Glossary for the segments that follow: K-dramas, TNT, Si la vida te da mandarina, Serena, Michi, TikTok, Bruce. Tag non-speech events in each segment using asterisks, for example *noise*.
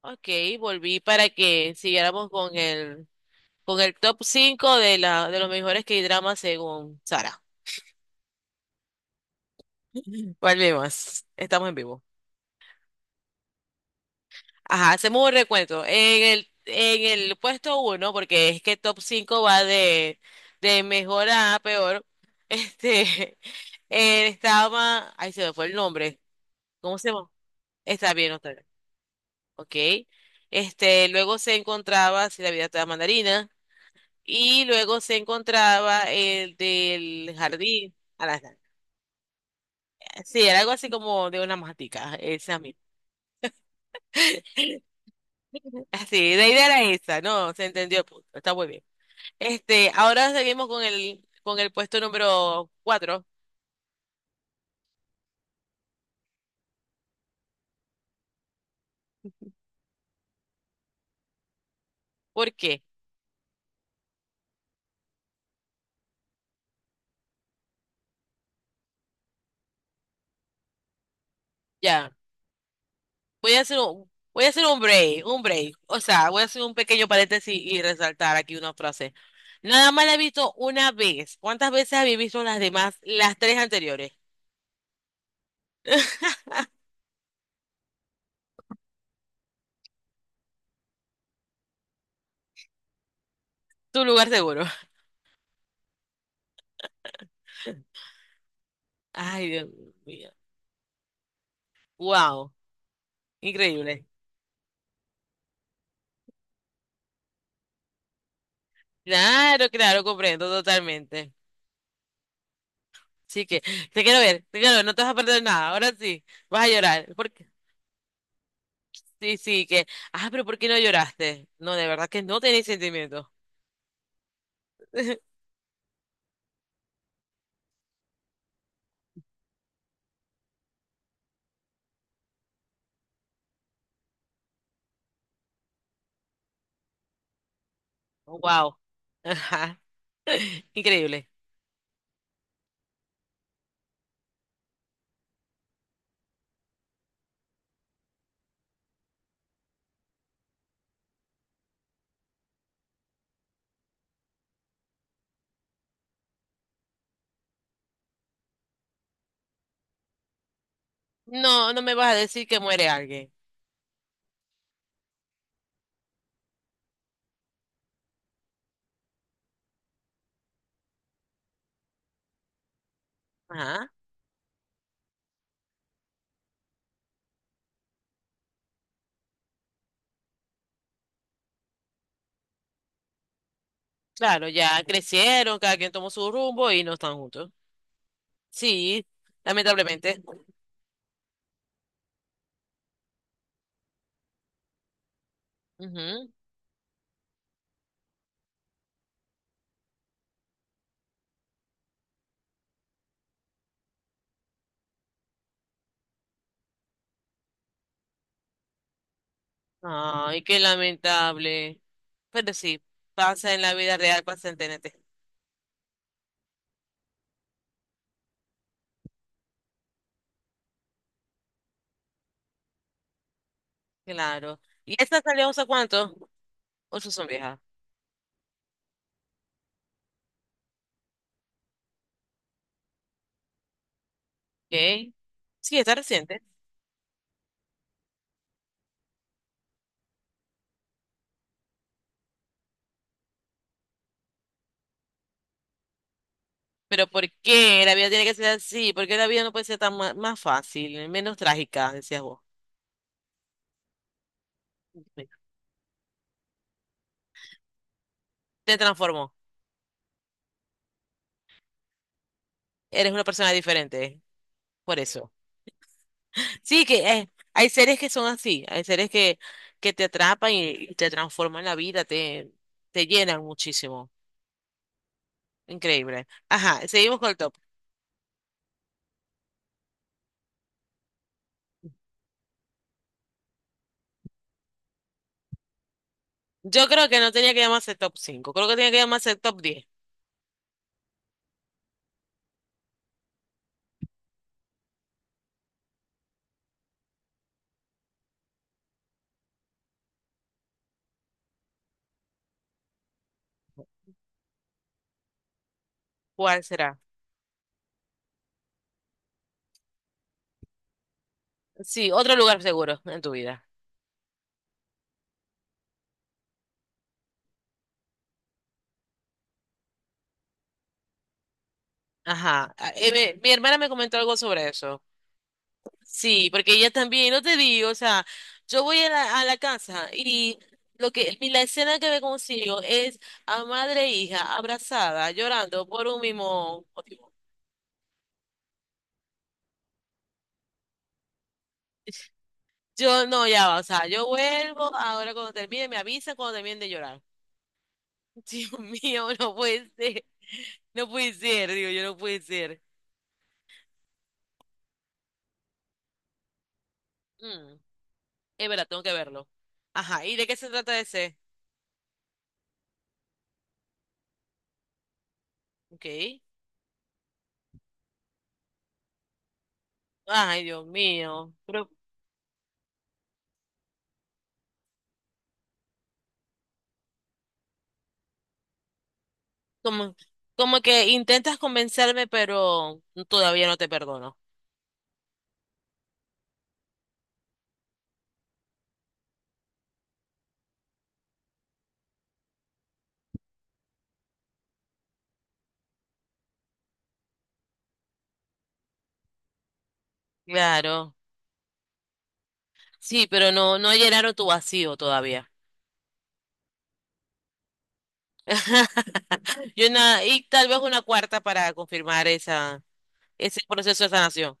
Ok, volví para que siguiéramos con el top 5 de los mejores K-dramas según Sara. *laughs* Volvemos, estamos en vivo. Ajá, hacemos un recuento. En el puesto uno, porque es que top 5 va de mejor a peor, este, *laughs* ahí se me fue el nombre. ¿Cómo se llama? Está bien, no está bien. Ok. Este, luego se encontraba Si la vida te da mandarina. Y luego se encontraba el del jardín. A las, sí, era algo así como de una matica, esa misma. Sí, la idea era esa, ¿no? Se entendió el punto, está muy bien. Este, ahora seguimos con el puesto número cuatro. ¿Por qué? Ya, voy a hacer voy a hacer un break, un break. O sea, voy a hacer un pequeño paréntesis y resaltar aquí una frase. Nada más la he visto una vez. ¿Cuántas veces habéis visto las demás, las tres anteriores? *laughs* Tu lugar seguro. Ay, Dios mío. Wow, increíble. Claro, claro, comprendo totalmente. Sí que, te quiero ver, no te vas a perder nada. Ahora sí, vas a llorar. Porque, sí, sí, que, ah, pero ¿por qué no lloraste? No, de verdad que no tenés sentimientos. *laughs* Wow. Ajá. *laughs* Increíble. No, no me vas a decir que muere alguien. Ajá. Claro, ya crecieron, cada quien tomó su rumbo y no están juntos. Sí, lamentablemente. Ujú. Ay, qué lamentable. Pero sí, pasa en la vida real, pasa en TNT. Claro. ¿Y esta salió hace cuánto? Ocho son viejas. ¿Ok? Sí, está reciente. Pero ¿por qué la vida tiene que ser así? ¿Por qué la vida no puede ser tan más fácil, menos trágica, decías vos? Te transformó. Eres una persona diferente. Por eso. *laughs* Sí, que hay seres que son así. Hay seres que te atrapan y te transforman la vida, te llenan muchísimo. Increíble. Ajá, seguimos con el top. Yo creo que no tenía que llamarse top 5. Creo que tenía que llamarse top diez. ¿Cuál será? Sí, otro lugar seguro en tu vida. Ajá. Ah, mi hermana me comentó algo sobre eso. Sí, porque ella también, no te digo, o sea, yo voy a la casa y lo que y la escena que me consigo es a madre e hija abrazada, llorando por un mismo. Yo no, ya va, o sea, yo vuelvo, ahora cuando termine me avisan cuando terminen de llorar. *laughs* Dios mío, no puede ser, no puede ser, digo, yo no puede ser. Mm, es verdad, tengo que verlo. Ajá, ¿y de qué se trata ese? Ok. Ay, Dios mío, pero como, como que intentas convencerme, pero todavía no te perdono. Claro, sí, pero no, no llenaron tu vacío todavía. *laughs* Y una, y tal vez una cuarta para confirmar esa, ese proceso de sanación.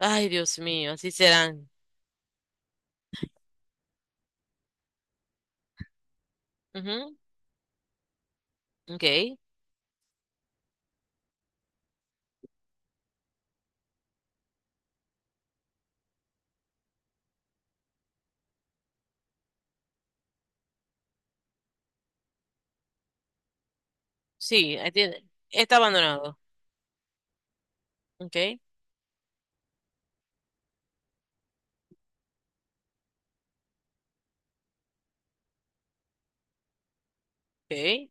Ay, Dios mío, así serán. Ujú. Ok. Sí, ahí tiene- está abandonado. Ok. Ok.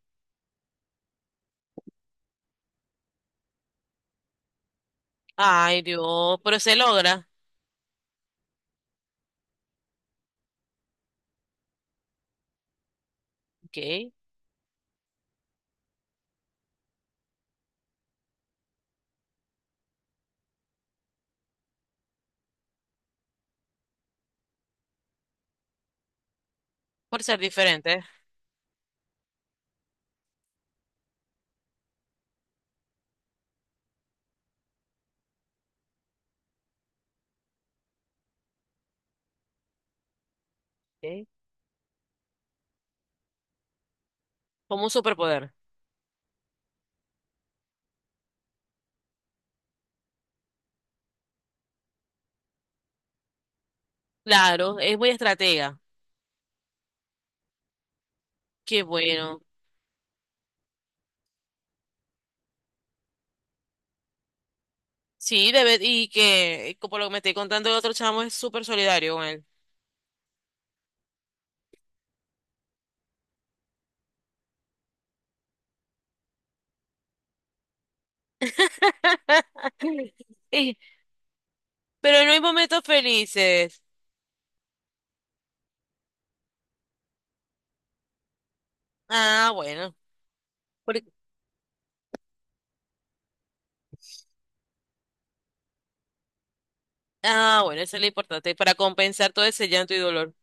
Ay, Dios, pero se logra. Ok. Por ser diferente. Ok. Como un superpoder. Claro, es muy estratega. Qué bueno. Sí, debe, y que, y como lo que me estoy contando el otro chamo, es súper solidario con él. *laughs* Y- pero no hay momentos felices. Ah, bueno. Por- ah, bueno, eso es lo importante, para compensar todo ese llanto y dolor.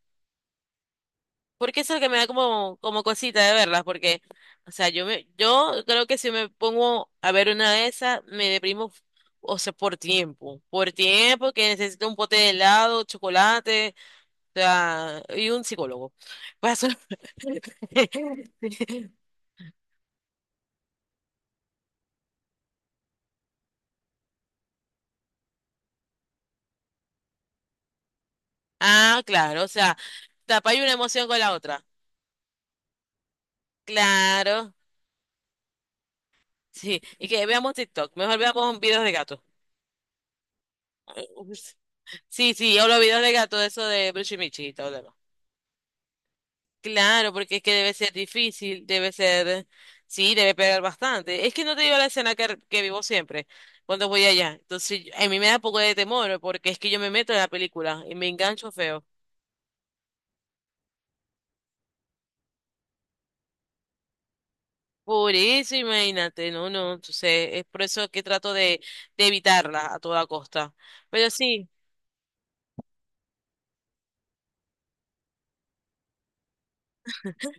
Porque eso es lo que me da como, como cosita de verlas, porque, o sea, yo creo que si me pongo a ver una de esas, me deprimo, o sea, por tiempo que necesito un pote de helado, chocolate, o sea, y un psicólogo. Paso- *laughs* Ah, claro, o sea, tapar una emoción con la otra. Claro, sí. Y que veamos TikTok, mejor veamos videos de gato. *laughs* Sí, sí, yo los videos de gato, eso de Bruce y Michi y todo. Claro, porque es que debe ser difícil, debe ser, sí, debe pegar bastante. Es que no te digo la escena que vivo siempre cuando voy allá. Entonces, yo- a mí me da poco de temor porque es que yo me meto en la película y me engancho feo. Por eso, imagínate, no, no, entonces es por eso que trato de evitarla a toda costa. Pero sí,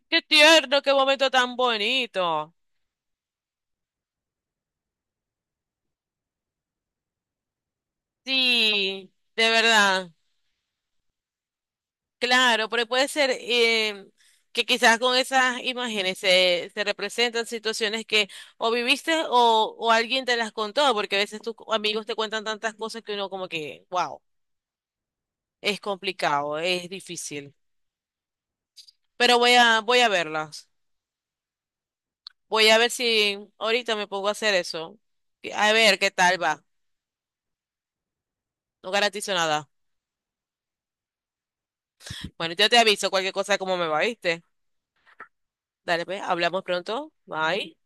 qué tierno, qué momento tan bonito. Sí, de verdad. Claro, pero puede ser que quizás con esas imágenes se representan situaciones que o viviste o alguien te las contó, porque a veces tus amigos te cuentan tantas cosas que uno como que, wow, es complicado, es difícil. Pero voy a, voy a verlas. Voy a ver si ahorita me pongo a hacer eso. A ver qué tal va. No garantizo nada. Bueno, yo te aviso cualquier cosa como me va, ¿viste? Dale, pues, hablamos pronto. Bye.